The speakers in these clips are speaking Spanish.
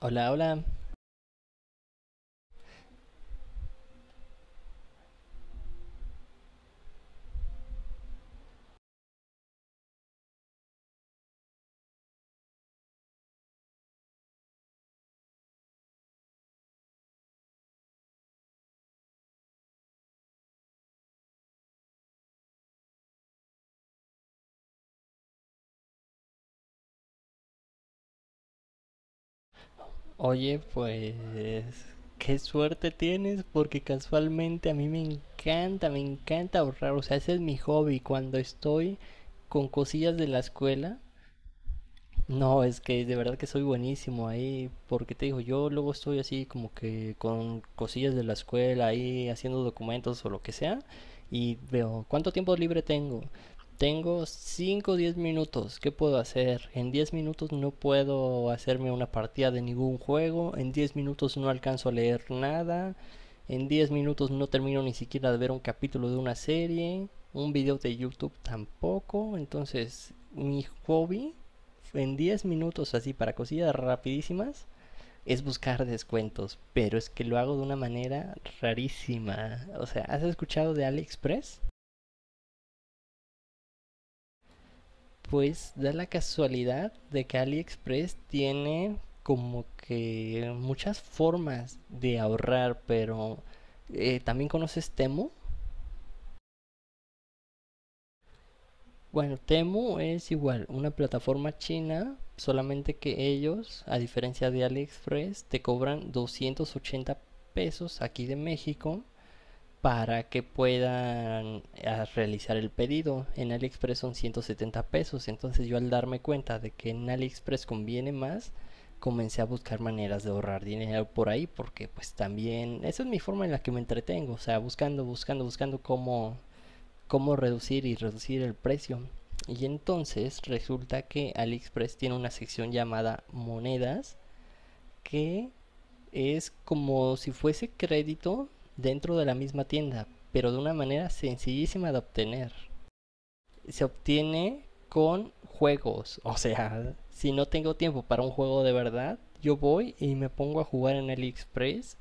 Hola, hola. Oye, pues qué suerte tienes porque casualmente a mí me encanta ahorrar. O sea, ese es mi hobby. Cuando estoy con cosillas de la escuela, no, es que de verdad que soy buenísimo ahí, porque te digo, yo luego estoy así como que con cosillas de la escuela ahí haciendo documentos o lo que sea, y veo cuánto tiempo libre tengo. Tengo 5, o 10 minutos, ¿qué puedo hacer? En 10 minutos no puedo hacerme una partida de ningún juego, en 10 minutos no alcanzo a leer nada, en 10 minutos no termino ni siquiera de ver un capítulo de una serie, un video de YouTube tampoco, entonces mi hobby en 10 minutos así para cosillas rapidísimas es buscar descuentos, pero es que lo hago de una manera rarísima. O sea, ¿has escuchado de AliExpress? Pues da la casualidad de que AliExpress tiene como que muchas formas de ahorrar, pero también conoces Temu. Bueno, Temu es igual, una plataforma china, solamente que ellos, a diferencia de AliExpress, te cobran 280 pesos aquí de México para que puedan realizar el pedido. En AliExpress son 170 pesos, entonces yo al darme cuenta de que en AliExpress conviene más, comencé a buscar maneras de ahorrar dinero por ahí, porque pues también esa es mi forma en la que me entretengo, o sea, buscando, buscando, buscando cómo reducir y reducir el precio. Y entonces resulta que AliExpress tiene una sección llamada monedas que es como si fuese crédito dentro de la misma tienda, pero de una manera sencillísima de obtener. Se obtiene con juegos, o sea, si no tengo tiempo para un juego de verdad, yo voy y me pongo a jugar en AliExpress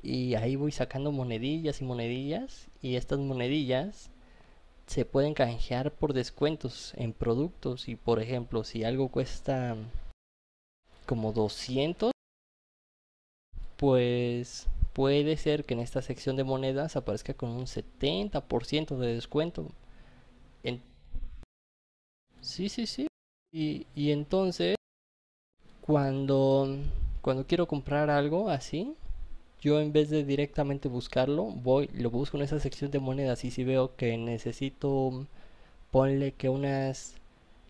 y ahí voy sacando monedillas y monedillas y estas monedillas se pueden canjear por descuentos en productos y por ejemplo si algo cuesta como 200, pues puede ser que en esta sección de monedas aparezca con un 70% de descuento en... sí, sí, sí. Y entonces cuando cuando quiero comprar algo así, yo en vez de directamente buscarlo, voy, lo busco en esa sección de monedas y si veo que necesito, ponle que unas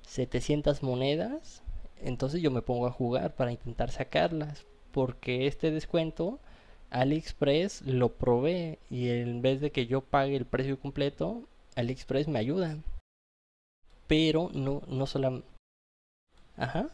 700 monedas, entonces yo me pongo a jugar para intentar sacarlas, porque este descuento AliExpress lo provee y en vez de que yo pague el precio completo, AliExpress me ayuda, pero no solamente. Ajá,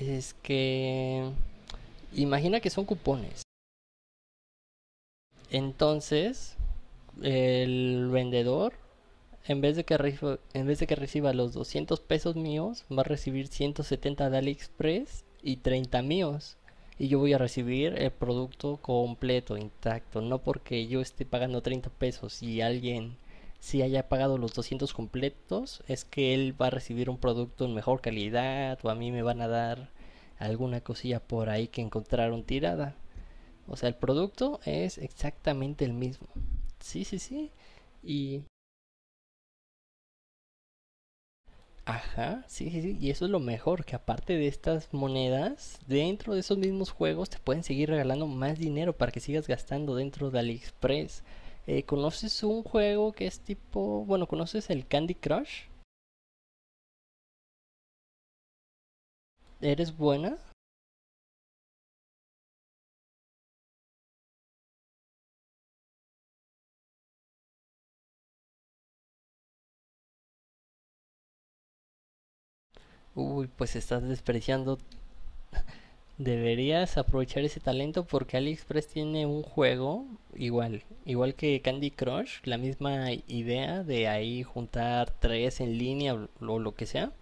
es que imagina que son cupones. Entonces, el vendedor, en vez de que reciba los 200 pesos míos, va a recibir 170 de AliExpress y 30 míos. Y yo voy a recibir el producto completo, intacto. No porque yo esté pagando 30 pesos y alguien si haya pagado los 200 completos, es que él va a recibir un producto en mejor calidad o a mí me van a dar alguna cosilla por ahí que encontraron tirada. O sea, el producto es exactamente el mismo. Sí, sí, sí. Y Ajá, sí, sí, sí. Y eso es lo mejor, que aparte de estas monedas, dentro de esos mismos juegos te pueden seguir regalando más dinero para que sigas gastando dentro de AliExpress. ¿Conoces un juego que es tipo, bueno, conoces el Candy Crush? ¿Eres buena? Uy, pues estás desperdiciando. Deberías aprovechar ese talento porque AliExpress tiene un juego igual, igual que Candy Crush, la misma idea de ahí juntar tres en línea o lo que sea.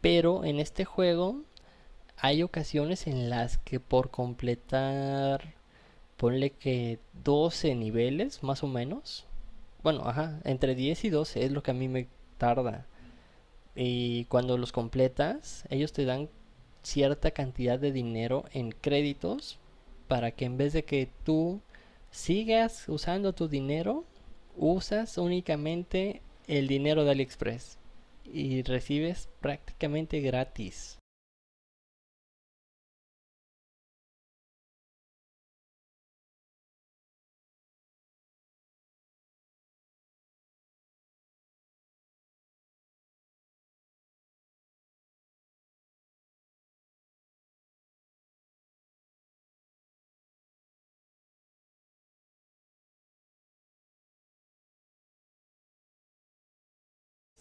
Pero en este juego, hay ocasiones en las que por completar, ponle que 12 niveles más o menos. Bueno, ajá, entre 10 y 12 es lo que a mí me tarda. Y cuando los completas, ellos te dan cierta cantidad de dinero en créditos para que en vez de que tú sigas usando tu dinero, usas únicamente el dinero de AliExpress y recibes prácticamente gratis.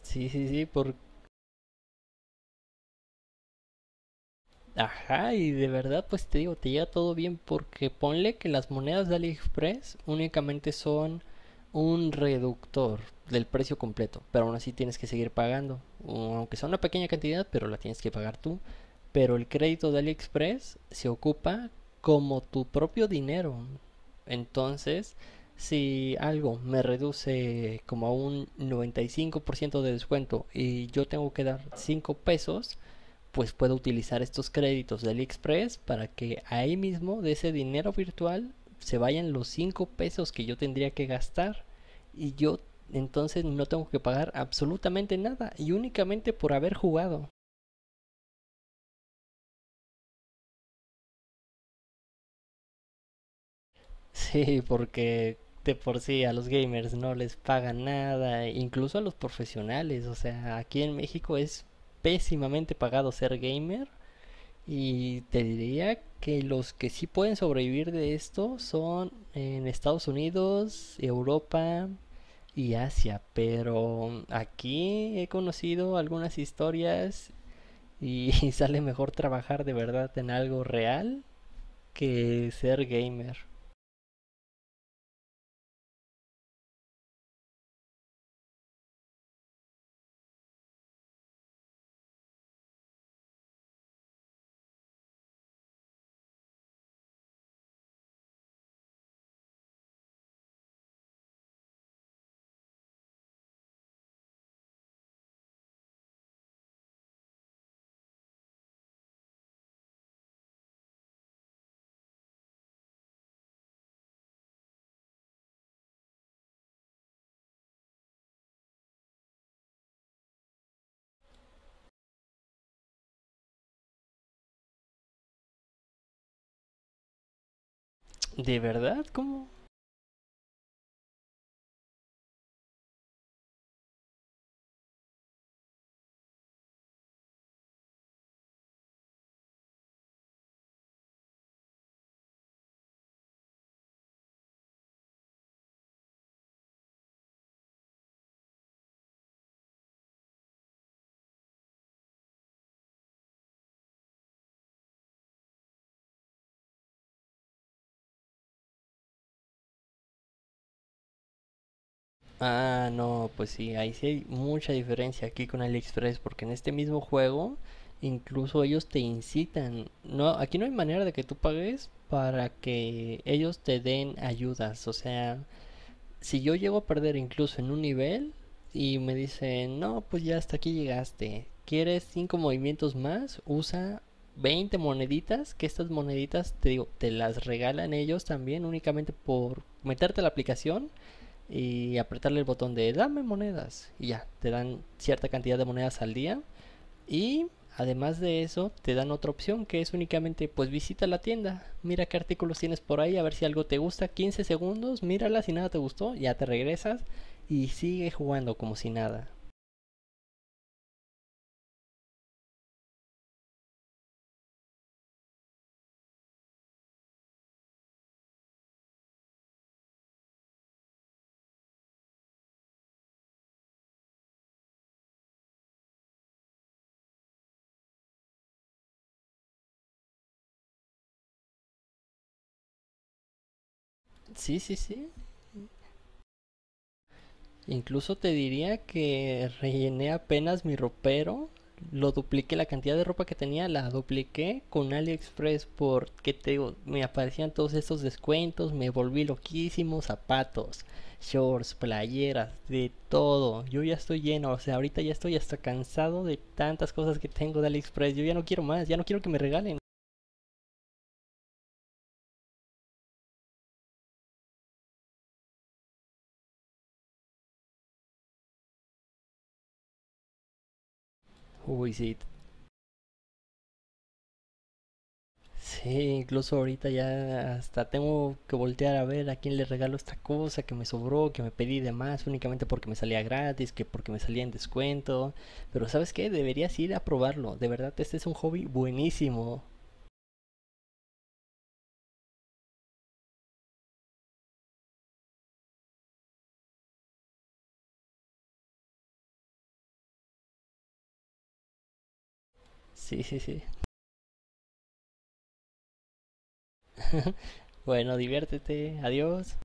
Sí, sí, sí, por Ajá, y de verdad, pues te digo, te llega todo bien porque ponle que las monedas de AliExpress únicamente son un reductor del precio completo, pero aún así tienes que seguir pagando, o aunque sea una pequeña cantidad, pero la tienes que pagar tú. Pero el crédito de AliExpress se ocupa como tu propio dinero. Entonces, si algo me reduce como a un 95% de descuento y yo tengo que dar 5 pesos, pues puedo utilizar estos créditos de AliExpress para que ahí mismo de ese dinero virtual se vayan los 5 pesos que yo tendría que gastar y yo entonces no tengo que pagar absolutamente nada y únicamente por haber jugado. Sí, porque de por sí a los gamers no les pagan nada, incluso a los profesionales, o sea, aquí en México es pésimamente pagado ser gamer. Y te diría que los que sí pueden sobrevivir de esto son en Estados Unidos, Europa y Asia, pero aquí he conocido algunas historias y sale mejor trabajar de verdad en algo real que ser gamer. ¿De verdad? ¿Cómo? Ah, no, pues sí, ahí sí hay mucha diferencia aquí con AliExpress, porque en este mismo juego incluso ellos te incitan. No, aquí no hay manera de que tú pagues para que ellos te den ayudas. O sea, si yo llego a perder incluso en un nivel y me dicen, no, pues ya hasta aquí llegaste. ¿Quieres 5 movimientos más? Usa 20 moneditas, que estas moneditas te digo, te las regalan ellos también únicamente por meterte a la aplicación y apretarle el botón de dame monedas y ya, te dan cierta cantidad de monedas al día y además de eso te dan otra opción que es únicamente pues visita la tienda, mira qué artículos tienes por ahí, a ver si algo te gusta, 15 segundos, mírala si nada te gustó, ya te regresas y sigue jugando como si nada. Sí, sí, sí. Incluso te diría que rellené apenas mi ropero, lo dupliqué, la cantidad de ropa que tenía la dupliqué con AliExpress porque te digo, me aparecían todos estos descuentos, me volví loquísimo, zapatos, shorts, playeras, de todo. Yo ya estoy lleno, o sea, ahorita ya estoy hasta cansado de tantas cosas que tengo de AliExpress, yo ya no quiero más, ya no quiero que me regalen. Uy, sí. Sí, incluso ahorita ya hasta tengo que voltear a ver a quién le regalo esta cosa que me sobró, que me pedí de más únicamente porque me salía gratis, que porque me salía en descuento. Pero ¿sabes qué? Deberías ir a probarlo. De verdad, este es un hobby buenísimo. Sí, sí, sí. Bueno, diviértete. Adiós.